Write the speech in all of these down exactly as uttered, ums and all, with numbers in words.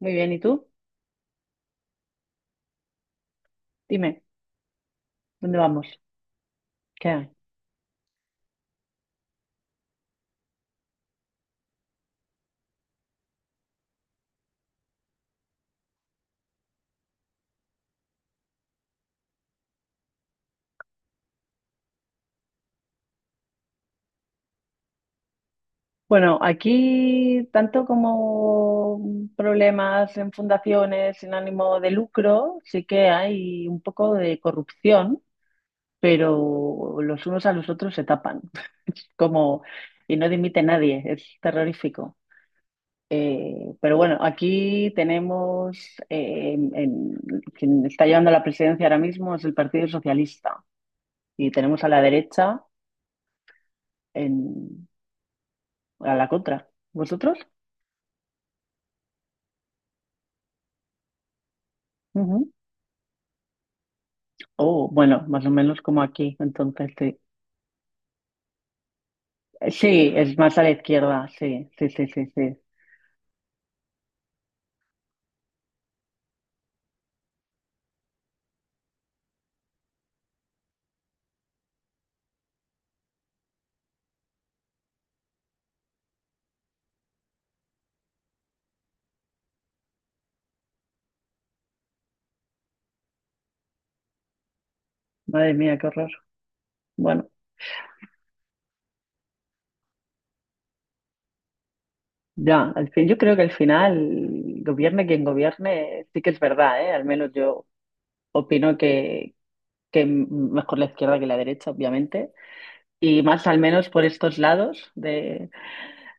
Muy bien, ¿y tú? Dime, ¿dónde vamos? ¿Qué hay? Bueno, aquí tanto como problemas en fundaciones sin ánimo de lucro, sí que hay un poco de corrupción, pero los unos a los otros se tapan. Como, y no dimite nadie, es terrorífico. Eh, pero bueno, aquí tenemos, eh, en- en- quien está llevando la presidencia ahora mismo es el Partido Socialista y tenemos a la derecha. En a la contra. ¿Vosotros? Ujú. Oh, bueno, más o menos como aquí, entonces sí. Sí, es más a la izquierda, sí, sí, sí, sí, sí. Madre mía, qué horror. Bueno, ya, al fin, yo creo que al final, gobierne quien gobierne, sí que es verdad, ¿eh? Al menos yo opino que, que mejor la izquierda que la derecha, obviamente. Y más al menos por estos lados de,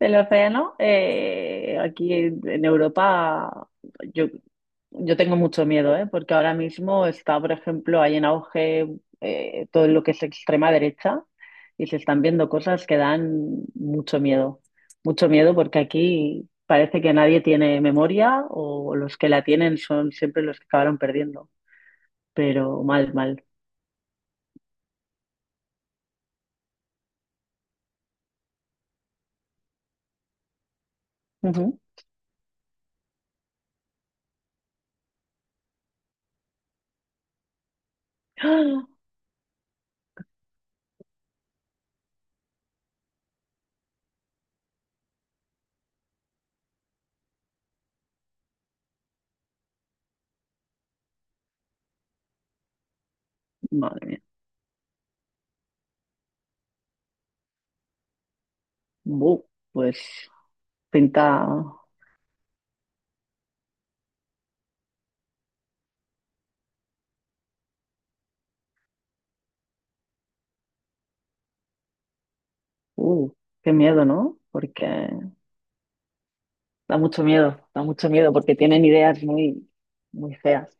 el océano, eh, aquí en, en Europa, yo, yo tengo mucho miedo, ¿eh? Porque ahora mismo está, por ejemplo, hay en auge eh, todo lo que es extrema derecha y se están viendo cosas que dan mucho miedo. Mucho miedo porque aquí parece que nadie tiene memoria o los que la tienen son siempre los que acabaron perdiendo, pero mal, mal. Ujú. ¡Ah! Madre mía. Bu, pues pinta. Uh, qué miedo, ¿no? Porque da mucho miedo, da mucho miedo porque tienen ideas muy, muy feas,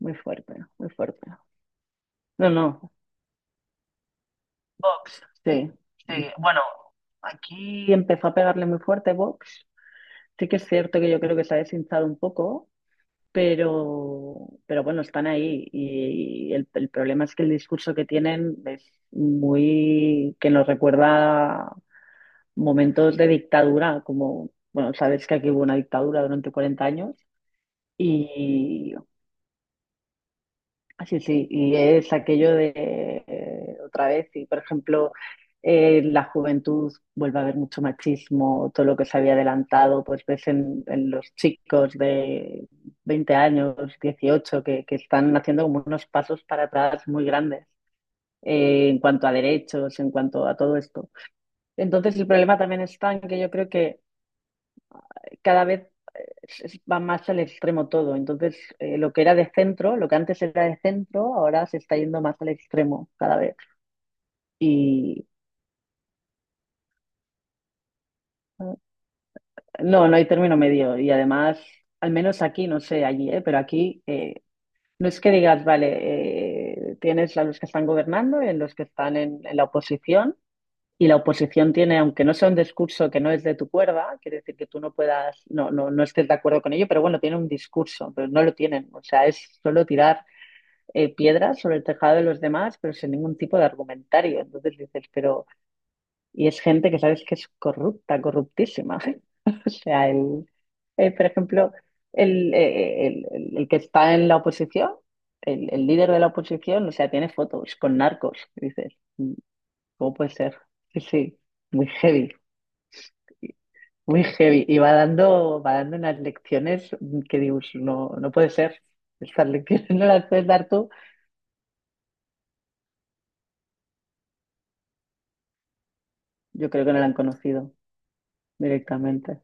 muy fuertes, muy fuertes. No, no, Vox, sí, sí. Bueno, aquí empezó a pegarle muy fuerte Vox. Sí que es cierto que yo creo que se ha deshinchado un poco, pero, pero bueno, están ahí y el, el problema es que el discurso que tienen es muy, que nos recuerda momentos de dictadura, como, bueno, sabes que aquí hubo una dictadura durante cuarenta años y así, sí, sí, y es aquello de eh, otra vez, y por ejemplo, eh, la juventud vuelve a haber mucho machismo, todo lo que se había adelantado, pues ves en, en los chicos de veinte años, dieciocho que, que están haciendo como unos pasos para atrás muy grandes. eh, en cuanto a derechos, en cuanto a todo esto. Entonces, el problema también está en que yo creo que cada vez es- va más al extremo todo. Entonces, eh, lo que era de centro, lo que antes era de centro, ahora se está yendo más al extremo cada vez. Y no, no hay término medio. Y además, al menos aquí, no sé allí, ¿eh? Pero aquí eh, no es que digas, vale, eh, tienes a los que están gobernando y a los que están en, en la oposición. Y la oposición tiene, aunque no sea un discurso que no es de tu cuerda, quiere decir que tú no puedas, no, no, no estés de acuerdo con ello, pero bueno, tiene un discurso, pero no lo tienen. O sea, es solo tirar eh, piedras sobre el tejado de los demás, pero sin ningún tipo de argumentario. Entonces dices, pero, y es gente que sabes que es corrupta, corruptísima. O sea, el, eh, por ejemplo, el, eh, el- el- el que está en la oposición, el, el líder de la oposición, o sea, tiene fotos con narcos. Y dices, "Mm, ¿cómo puede ser? Sí, sí, muy heavy. Muy heavy. Y va dando, va dando unas lecciones mm, que digo, "Pues no, no puede ser. Estas lecciones no las puedes dar tú. Yo creo que no la han conocido. Directamente,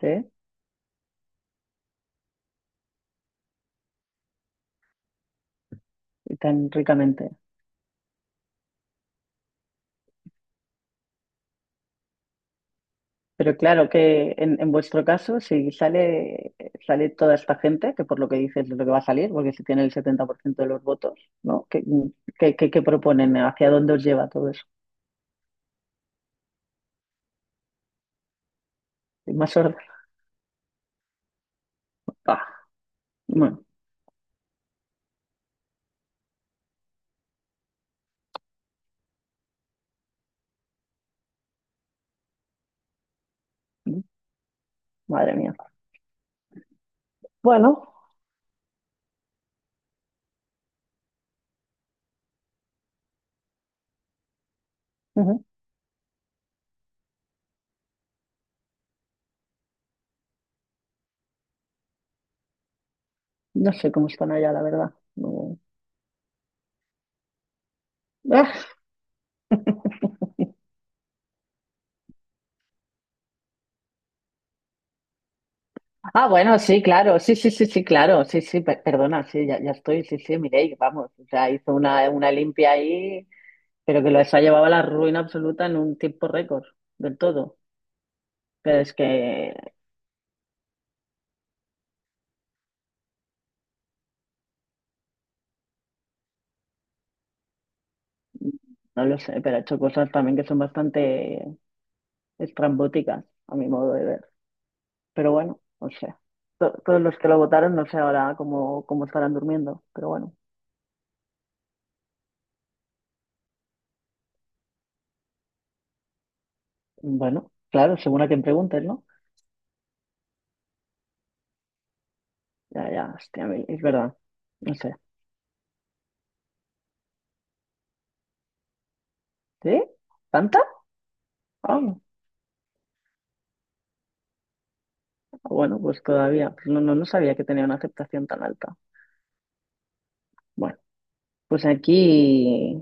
¿sí? Y tan ricamente. Pero claro que en, en vuestro caso, si sale, sale toda esta gente, que por lo que dices es lo que va a salir, porque si tiene el setenta por ciento de los votos, ¿no? ¿Qué, qué, qué- qué proponen? ¿Hacia dónde os lleva todo eso? Más orden. Pah, bueno, madre mía. Bueno, ujú, no sé cómo están allá, la verdad. No- Ah, ah, bueno, sí, claro, sí, sí, sí, sí, claro, sí, sí, per- perdona, sí, ya, ya estoy, sí, sí, Mireia, vamos, o sea, hizo una, una limpia ahí. Pero que lo ha llevado a la ruina absoluta en un tiempo récord del todo. Pero es que no lo sé, pero ha hecho cosas también que son bastante estrambóticas, a mi modo de ver. Pero bueno, o sea, to- todos los que lo votaron no sé ahora cómo, cómo estarán durmiendo, pero bueno. Bueno, claro, según a quien preguntes, ¿no? Ya, ya, hostia, a mí- es verdad. No sé. ¿Sí? ¿Tanta? Ah, bueno, pues todavía. Pues no, no, no sabía que tenía una aceptación tan alta. Bueno, pues aquí.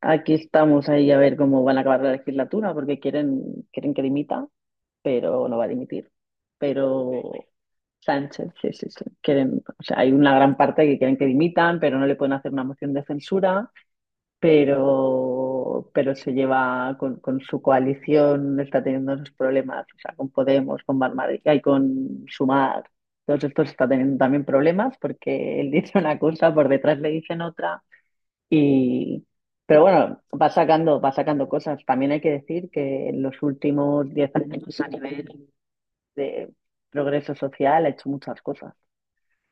Aquí estamos ahí a ver cómo van a acabar la legislatura, porque quieren, quieren que dimita, pero no va a dimitir. Pero Sánchez, sí, sí, sí. Quieren, o sea, hay una gran parte que quieren que dimitan, pero no le pueden hacer una moción de censura, pero, pero se lleva con, con su coalición, está teniendo esos problemas, o sea, con Podemos, con Barmarika y con Sumar. Todos estos está teniendo también problemas porque él dice una cosa, por detrás le dicen otra y, pero bueno, va sacando, va sacando cosas. También hay que decir que en los últimos diez años a nivel de progreso social ha hecho muchas cosas.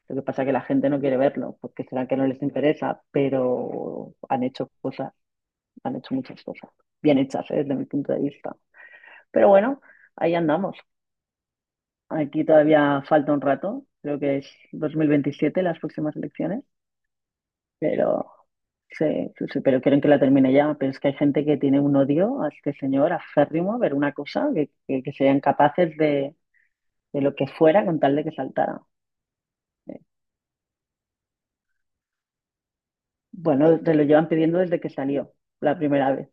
Lo que pasa es que la gente no quiere verlo, porque será que no les interesa, pero han hecho cosas, han hecho muchas cosas, bien hechas, ¿eh? Desde mi punto de vista. Pero bueno, ahí andamos. Aquí todavía falta un rato, creo que es dos mil veintisiete las próximas elecciones. Pero sí, sí, sí, pero quieren que la termine ya. Pero es que hay gente que tiene un odio a este señor aférrimo a ver una cosa, que, que, que serían capaces de, de lo que fuera con tal de que saltara. Eh, Bueno, te lo llevan pidiendo desde que salió la primera vez.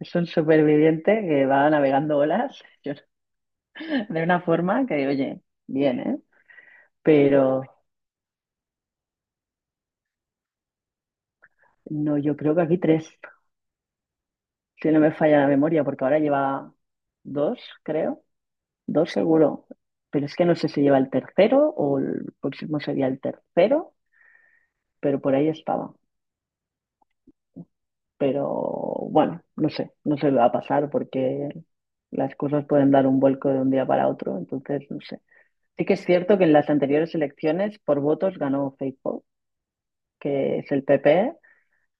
Es un superviviente que va navegando olas yo- de una forma que, oye, bien, ¿eh? Pero no, yo creo que aquí tres, si no me falla la memoria, porque ahora lleva dos, creo. Dos seguro, pero es que no sé si lleva el tercero o el próximo sería el tercero, pero por ahí estaba. Pero bueno, no sé, no se va a pasar porque las cosas pueden dar un vuelco de un día para otro, entonces no sé. Sí que es cierto que en las anteriores elecciones por votos ganó Feijóo, que es el P P,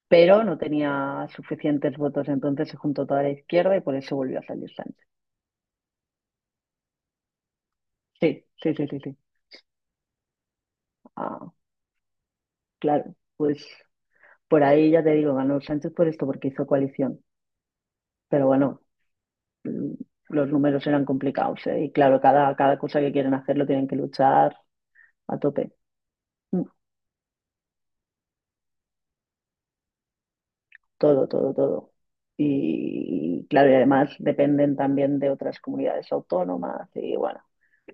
pero no tenía suficientes votos, entonces se juntó toda la izquierda y por eso volvió a salir Sánchez. Sí, sí, sí, sí, sí. Ah, claro, pues por ahí ya te digo, ganó Sánchez por esto, porque hizo coalición. Pero bueno, mm, los números eran complicados, ¿eh? Y claro, cada, cada cosa que quieren hacer lo tienen que luchar a tope. Mm, Todo, todo, todo. Y claro, y además dependen también de otras comunidades autónomas. Y bueno,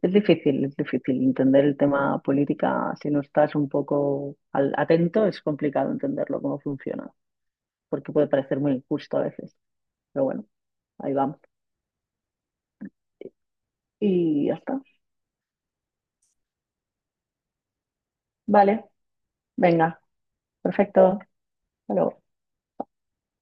es difícil, es difícil entender el tema política. Si no estás un poco al- atento, es complicado entenderlo, cómo funciona, porque puede parecer muy injusto a veces. Pero bueno, ahí vamos. Y ya está. Vale, venga. Perfecto. Hasta luego.